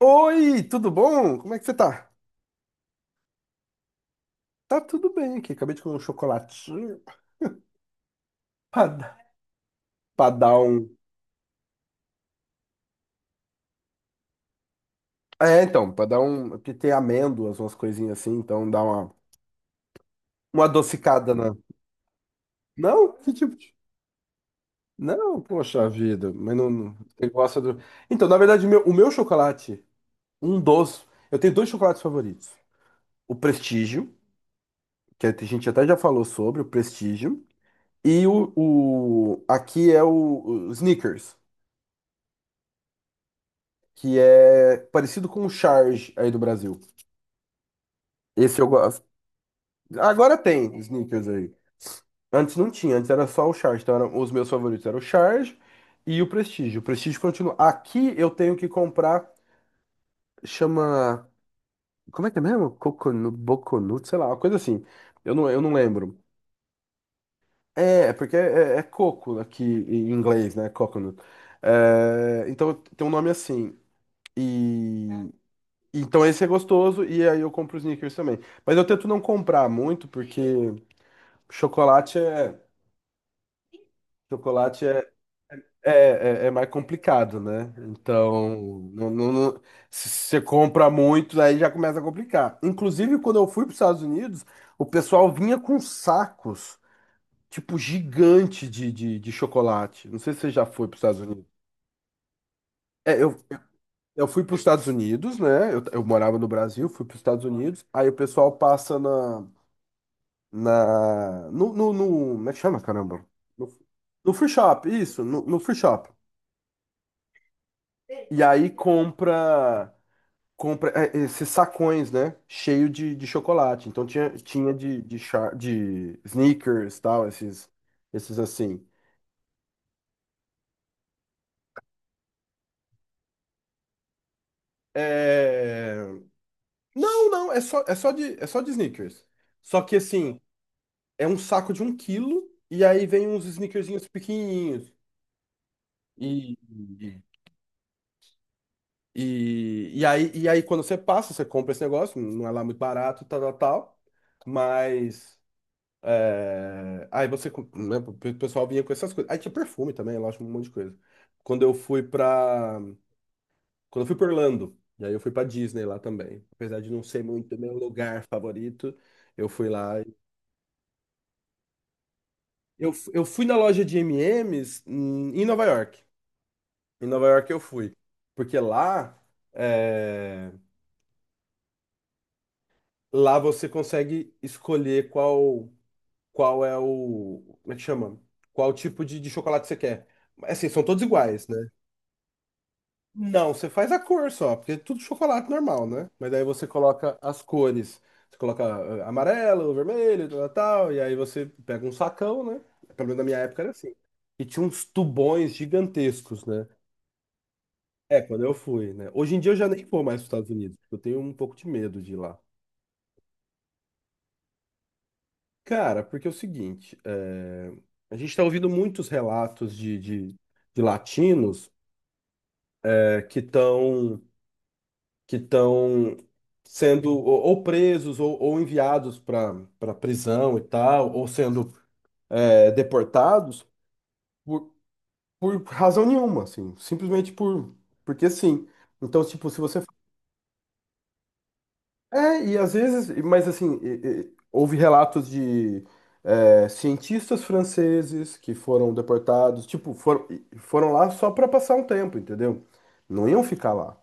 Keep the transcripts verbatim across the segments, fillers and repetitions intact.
Oi, tudo bom? Como é que você tá? Tá tudo bem aqui. Acabei de comer um chocolatinho pra, dar pra dar um. É, então, pra dar um. Porque tem amêndoas, umas coisinhas assim, então dá uma, uma adocicada na. Não? Que tipo de. Não, poxa vida, mas não. não- Você gosta do. Então, na verdade, meu- o meu chocolate, um dos. Eu tenho dois chocolates favoritos: o Prestígio, que a gente até já falou sobre, o Prestígio, e o, o... aqui é o o Snickers. Que é parecido com o Charge aí do Brasil. Esse eu gosto. Agora tem sneakers aí. Antes não tinha, antes era só o Charge. Então eram, os meus favoritos eram o Charge e o Prestige. O Prestige continua. Aqui eu tenho que comprar, chama. Como é que é mesmo? Coconut, Boconut, sei lá, uma coisa assim. Eu não, eu não lembro. É, é porque é, é é coco aqui em inglês, né? Coconut. É, então tem um nome assim. E então esse é gostoso e aí eu compro os Snickers também. Mas eu tento não comprar muito porque chocolate é chocolate é, é, é, é mais complicado, né? Então não, não- não- se você compra muito aí já começa a complicar. Inclusive quando eu fui para os Estados Unidos, o pessoal vinha com sacos tipo gigante de, de, de chocolate. Não sei se você já foi para os Estados Unidos. É, eu, eu fui para os Estados Unidos, né? Eu, eu morava no Brasil, fui para os Estados Unidos. Aí o pessoal passa na na, no, no, no- como é que chama, caramba? No, no free shop, isso, no, no free shop. E aí compra, compra é, esses sacões, né? Cheio de, de chocolate. Então tinha, tinha de, de, char- de sneakers, tal, esses, esses assim. É... Não, não, é só, é só de, é só de sneakers. Só que assim, é um saco de um quilo e aí vem uns sneakerzinhos pequenininhos. E, E, e, aí, e aí, quando você passa, você compra esse negócio, não é lá muito barato, tal, tal, tal. Mas. é, aí você. Com- né, o pe- pessoal vinha com essas coisas. Aí tinha perfume também, eu acho um monte de coisa. Quando eu fui pra. Quando eu fui pra Orlando, e aí eu fui pra Disney lá também. Apesar de não ser muito meu lugar favorito, eu fui lá. e- Eu, f- eu fui na loja de M e M's em em Nova York. Em Nova York eu fui. Porque lá. eh, Lá você consegue escolher qual qual é o, como é que chama? Qual tipo de, de chocolate você quer. Assim, são todos iguais, né? Não, você faz a cor só, porque é tudo chocolate normal, né? Mas daí você coloca as cores. Você coloca eh, amarelo, vermelho, tal, tal, e aí você pega um sacão, né? Pelo menos na minha época era assim. E tinha uns tubões gigantescos, né? É, quando eu fui, né? Hoje em dia eu já nem vou mais para os Estados Unidos, porque eu tenho um pouco de medo de ir lá. Cara, porque é o seguinte, é, A gente está ouvindo muitos relatos de, de, de latinos é, que estão que estão sendo ou, ou presos ou, ou enviados para para prisão e tal, ou sendo é, deportados por, por razão nenhuma, assim, simplesmente por porque sim. Então, tipo, se você. É, e às vezes, mas assim, e- e- houve relatos de é, cientistas franceses que foram deportados, tipo, foram, foram lá só para passar um tempo, entendeu? Não iam ficar lá.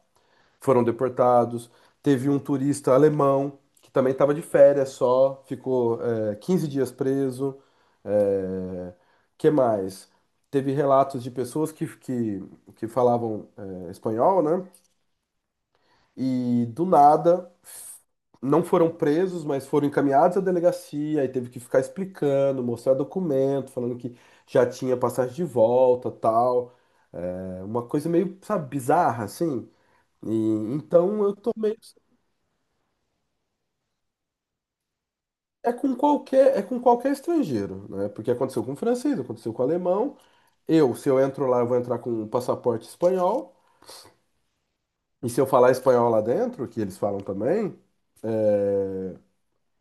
Foram deportados. Teve um turista alemão que também estava de férias só, ficou é, quinze dias preso. É, que mais? Teve relatos de pessoas que, que, que falavam é, espanhol, né? E do nada, não foram presos, mas foram encaminhados à delegacia e teve que ficar explicando, mostrar documento, falando que já tinha passagem de volta, tal. É uma coisa meio, sabe, bizarra assim. E então eu tô meio. É com qualquer é com qualquer estrangeiro, né? Porque aconteceu com o francês, aconteceu com o alemão. Eu, se eu entro lá, eu vou entrar com um passaporte espanhol. E se eu falar espanhol lá dentro, que eles falam também,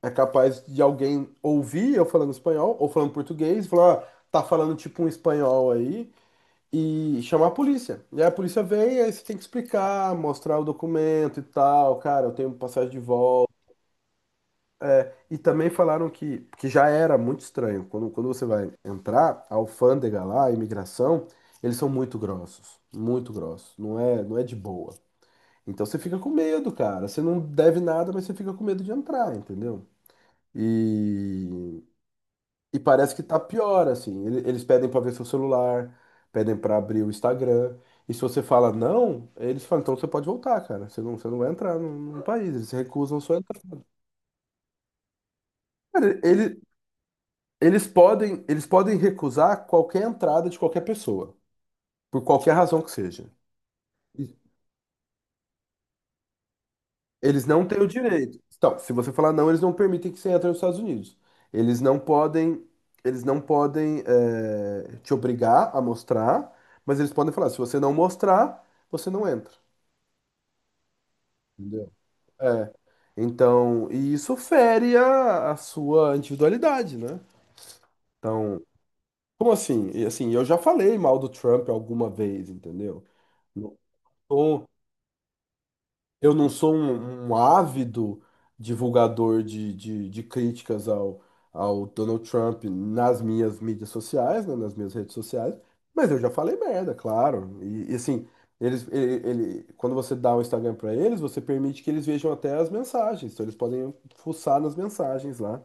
é capaz de alguém ouvir eu falando espanhol ou falando português, e falar: "Ah, tá falando tipo um espanhol aí", e chamar a polícia. E aí a polícia vem, aí você tem que explicar, mostrar o documento e tal, cara, eu tenho passagem de volta. E também falaram que, que já era muito estranho, quando, quando você vai entrar, a alfândega lá, a imigração, eles são muito grossos, muito grossos, não é, não é de boa. Então você fica com medo, cara, você não deve nada, mas você fica com medo de entrar, entendeu? E E parece que tá pior, assim. Ele- Eles pedem pra ver seu celular, pedem pra abrir o Instagram. E se você fala não, eles falam, então você pode voltar, cara. Você não, você não vai entrar no, no país. Eles recusam sua entrada. Cara, ele- eles podem, eles podem recusar qualquer entrada de qualquer pessoa, por qualquer razão que seja. Eles não têm o direito. Então, se você falar não, eles não permitem que você entre nos Estados Unidos. Eles não podem, eles não podem eh, te obrigar a mostrar, mas eles podem falar, se você não mostrar, você não entra. Entendeu? É. Então, e isso fere a, a sua individualidade, né? Então, como assim? E, assim, eu já falei mal do Trump alguma vez, entendeu? Não, eu não sou um, um ávido divulgador de, de, de críticas ao, ao Donald Trump nas minhas mídias sociais, né, nas minhas redes sociais, mas eu já falei merda, claro. E, e, assim, eles, ele, ele- quando você dá o Instagram para eles, você permite que eles vejam até as mensagens, então eles podem fuçar nas mensagens lá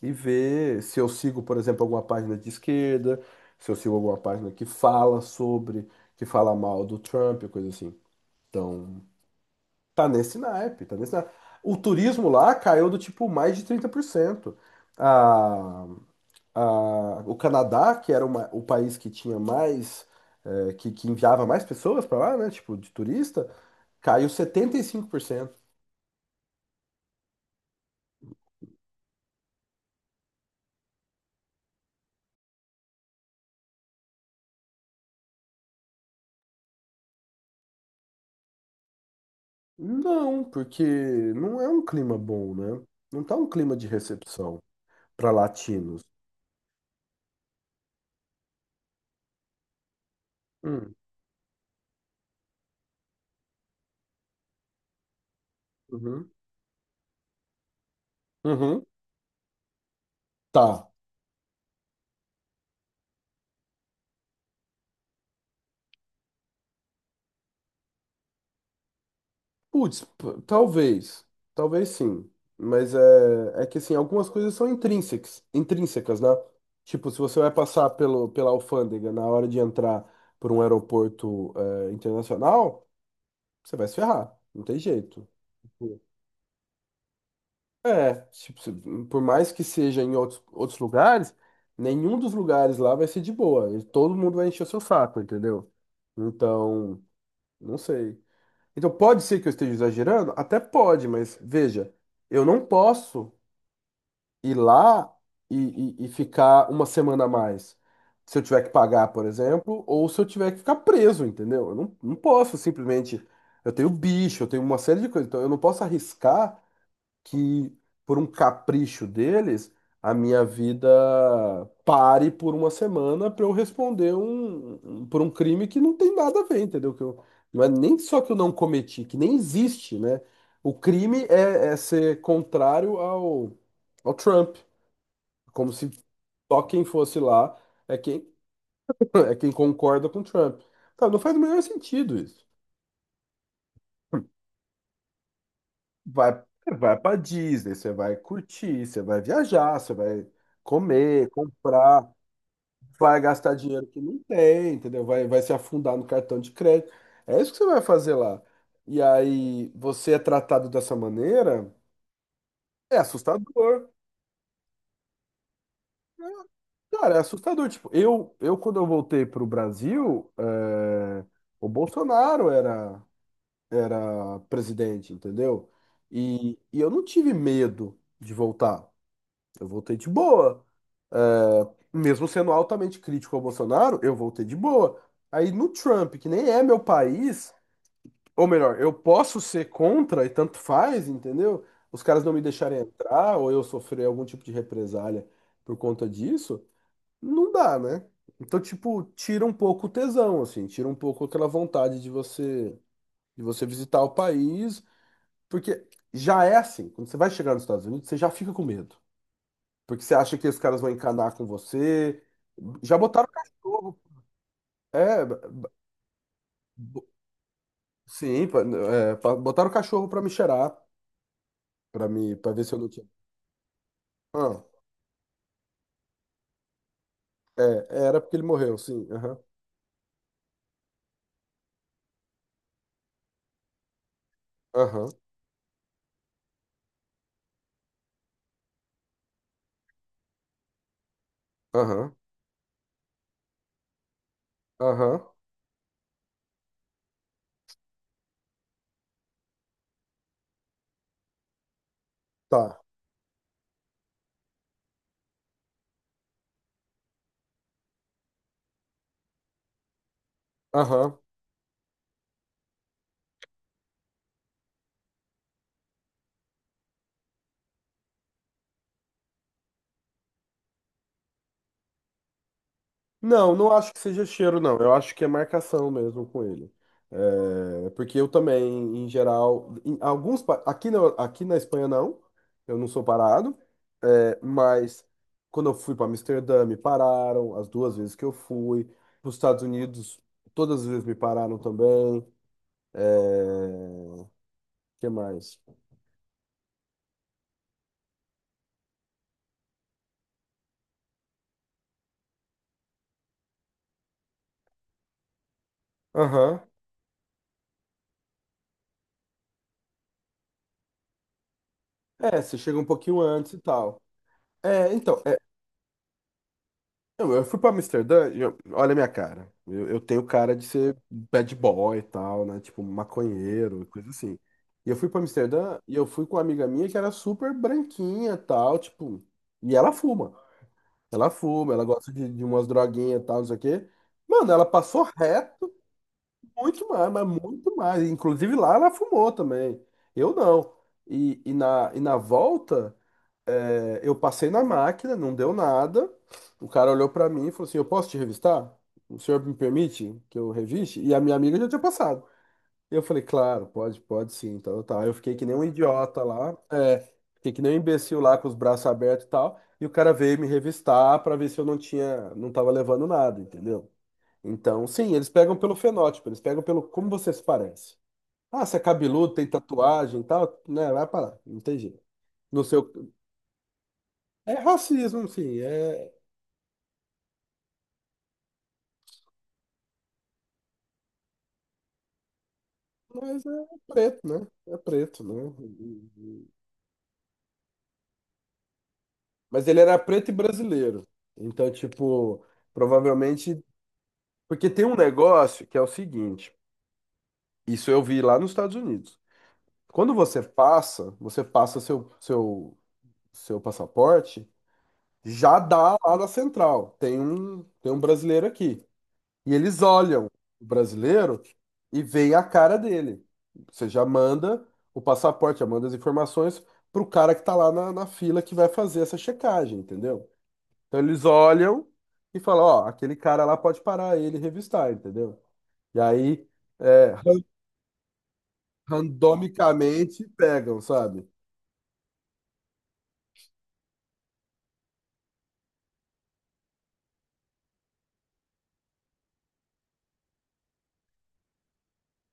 e ver se eu sigo, por exemplo, alguma página de esquerda, se eu sigo alguma página que fala sobre, que fala mal do Trump, coisa assim. Então. Tá nesse naipe, tá nesse naipe. O turismo lá caiu do tipo mais de trinta por cento. A, a, o Canadá, que era uma- o país que tinha mais, eh, que, que enviava mais pessoas para lá, né, tipo, de turista, caiu setenta e cinco por cento. Não, porque não é um clima bom, né? Não tá um clima de recepção para latinos. Hum, uhum, uhum, tá. Putz, p- talvez. Talvez sim. Mas é, é que assim, algumas coisas são intrínsecas, intrínsecas, né? Tipo, se você vai passar pelo, pela alfândega na hora de entrar por um aeroporto é, internacional, você vai se ferrar. Não tem jeito. Tipo, É, tipo, se- por mais que seja em outros, outros lugares, nenhum dos lugares lá vai ser de boa. E todo mundo vai encher o seu saco, entendeu? Então, não sei. Então, pode ser que eu esteja exagerando? Até pode, mas veja, eu não posso ir lá e, e- e ficar uma semana a mais. Se eu tiver que pagar, por exemplo, ou se eu tiver que ficar preso, entendeu? Eu não, não posso simplesmente. Eu tenho bicho, eu tenho uma série de coisas, então eu não posso arriscar que, por um capricho deles, a minha vida pare por uma semana para eu responder um, um- por um crime que não tem nada a ver, entendeu? Que eu, não é nem só que eu não cometi, que nem existe, né? O crime é, é ser contrário ao, ao, Trump, como se só quem fosse lá é quem, é quem concorda com o Trump. Tá, não faz o menor sentido isso. Vai, vai para Disney, você vai curtir, você vai viajar, você vai comer, comprar, vai gastar dinheiro que não tem, entendeu? Vai, vai se afundar no cartão de crédito. É isso que você vai fazer lá. E aí você é tratado dessa maneira, é assustador. Cara, é assustador. Tipo, eu, eu quando eu voltei pro Brasil, é, o Bolsonaro era, era presidente, entendeu? E, e eu não tive medo de voltar. Eu voltei de boa. É, mesmo sendo altamente crítico ao Bolsonaro, eu voltei de boa. Aí no Trump, que nem é meu país, ou melhor, eu posso ser contra e tanto faz, entendeu? Os caras não me deixarem entrar, ou eu sofrer algum tipo de represália por conta disso, não dá, né? Então, tipo, tira um pouco o tesão, assim, tira um pouco aquela vontade de você, de você visitar o país, porque já é assim, quando você vai chegar nos Estados Unidos, você já fica com medo. Porque você acha que os caras vão encanar com você. Já botaram cachorro. É, b- sim, pa- é, pa- botaram cachorro pra me cheirar, pra me, para ver se eu não tinha. Ah, é, era porque ele morreu, sim. Aham, aham, aham, aham. Tá. Aham. Não, não acho que seja cheiro, não. Eu acho que é marcação mesmo com ele. É, porque eu também, em geral, em alguns, pa- aqui na, aqui na Espanha não, eu não sou parado, é, mas quando eu fui para Amsterdã me pararam, as duas vezes que eu fui, para os Estados Unidos todas as vezes me pararam também. O que mais? Aham. É, você chega um pouquinho antes e tal. É, então, é, Eu, eu fui pra Amsterdã, e eu- olha a minha cara. Eu, eu tenho cara de ser bad boy e tal, né? Tipo, maconheiro, coisa assim. E eu fui pra Amsterdã e eu fui com uma amiga minha que era super branquinha e tal, tipo. E ela fuma. Ela fuma, ela gosta de, de umas droguinhas e tal, não sei o quê. Mano, ela passou reto muito mais, mas muito mais. Inclusive lá ela fumou também. Eu não. E, e, na, e na volta. É, eu passei na máquina, não deu nada. O cara olhou pra mim e falou assim: eu posso te revistar? O senhor me permite que eu reviste? E a minha amiga já tinha passado. Eu falei: claro, pode, pode sim. Então tá. Eu fiquei que nem um idiota lá, é, fiquei que nem um imbecil lá com os braços abertos e tal. E o cara veio me revistar pra ver se eu não tinha, não tava levando nada, entendeu? Então, sim, eles pegam pelo fenótipo, eles pegam pelo como você se parece. Ah, você é cabeludo, tem tatuagem e tal, né? Vai parar, não tem jeito. No seu, é racismo, sim, é, mas é preto, né? É preto, né? E- e- Mas ele era preto e brasileiro. Então, tipo, provavelmente. Porque tem um negócio que é o seguinte: isso eu vi lá nos Estados Unidos. Quando você passa, você passa seu, seu, seu passaporte, já dá lá na central. Tem um, tem um brasileiro aqui. E eles olham o brasileiro e veem a cara dele. Você já manda o passaporte, já manda as informações para o cara que está lá na, na fila que vai fazer essa checagem, entendeu? Então eles olham e falam, ó, aquele cara lá pode parar ele e revistar, entendeu? E aí, é, ran- randomicamente pegam, sabe?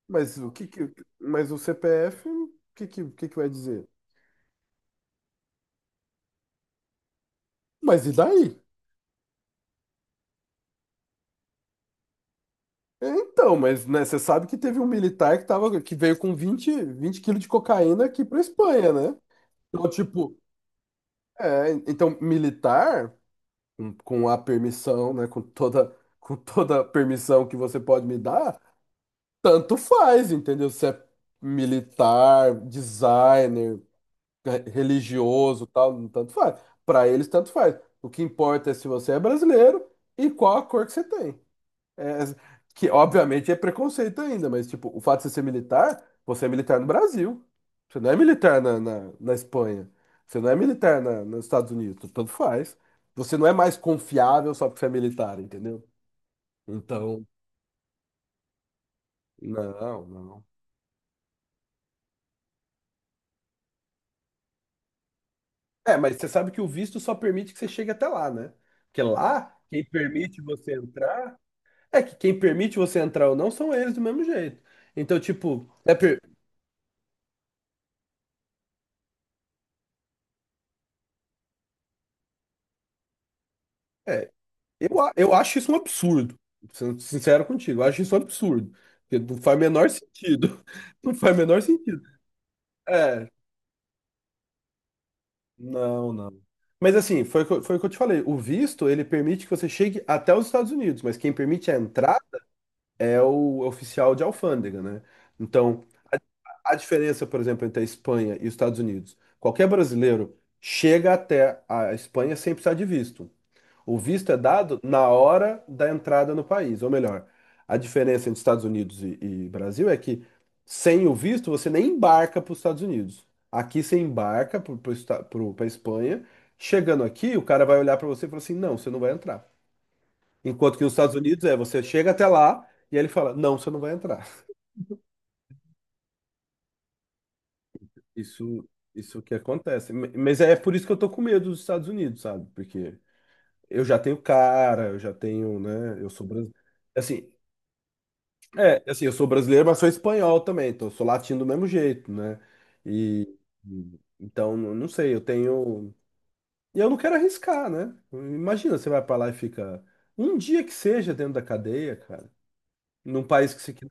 Mas o que, que- mas o C P F, o que, que, o que que vai dizer? Mas e daí? É, então, mas né, você sabe que teve um militar que, tava, que veio com vinte vinte quilos de cocaína aqui para Espanha, né? Então, tipo, é, então, militar, com, com a permissão, né? Com toda, com toda a permissão que você pode me dar, tanto faz, entendeu? Se é militar, designer, re- religioso, tal, tanto faz. Para eles, tanto faz. O que importa é se você é brasileiro e qual a cor que você tem. É, que obviamente é preconceito ainda, mas tipo, o fato de você ser militar, você é militar no Brasil. Você não é militar na, na, na Espanha. Você não é militar na, nos Estados Unidos. Tanto faz. Você não é mais confiável só porque você é militar, entendeu? Então, não, não. É, mas você sabe que o visto só permite que você chegue até lá, né? Porque lá, quem permite você entrar. É que quem permite você entrar ou não são eles do mesmo jeito. Então, tipo, é, per- é, eu, a- eu acho isso um absurdo, sendo sincero contigo, eu acho isso um absurdo, porque não faz o menor sentido, não faz o menor sentido. É, não, não. Mas assim, foi, o que eu- foi o que eu te falei, o visto, ele permite que você chegue até os Estados Unidos, mas quem permite a entrar é o oficial de alfândega, né? Então, a diferença, por exemplo, entre a Espanha e os Estados Unidos, qualquer brasileiro chega até a Espanha sem precisar de visto. O visto é dado na hora da entrada no país, ou melhor, a diferença entre Estados Unidos e, e Brasil é que sem o visto você nem embarca para os Estados Unidos. Aqui você embarca para a Espanha. Chegando aqui, o cara vai olhar para você e falar assim: não, você não vai entrar. Enquanto que nos Estados Unidos é você chega até lá e aí ele fala: não, você não vai entrar. Isso, isso que acontece. M- Mas é por isso que eu tô com medo dos Estados Unidos, sabe? Porque eu já tenho cara, eu já tenho, né? Eu sou brasileiro. Assim, é, assim, eu sou brasileiro, mas sou espanhol também, então eu sou latino do mesmo jeito, né? E e- então, n- não sei, eu tenho. E eu não quero arriscar, né? Imagina, você vai pra lá e fica um dia que seja dentro da cadeia, cara, num país que você... que-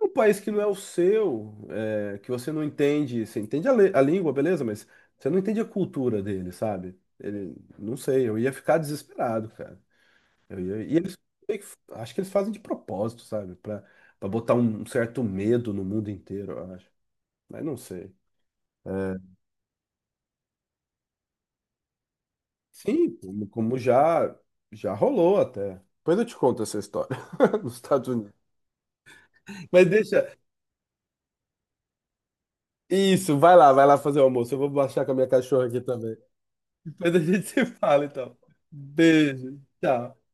um país que não é o seu, é, que você não entende, você entende a, le- a língua, beleza, mas você não entende a cultura dele, sabe? Ele, não sei, eu ia ficar desesperado, cara. Eu ia- E eles, meio que- acho que eles fazem de propósito, sabe? Pra, pra botar um um certo medo no mundo inteiro, eu acho. Mas não sei. É, sim, como, como já, já rolou até. Depois eu te conto essa história nos Estados Unidos. Mas deixa. Isso, vai lá, vai lá fazer o almoço. Eu vou baixar com a minha cachorra aqui também. Depois a gente se fala, então. Beijo. Tchau.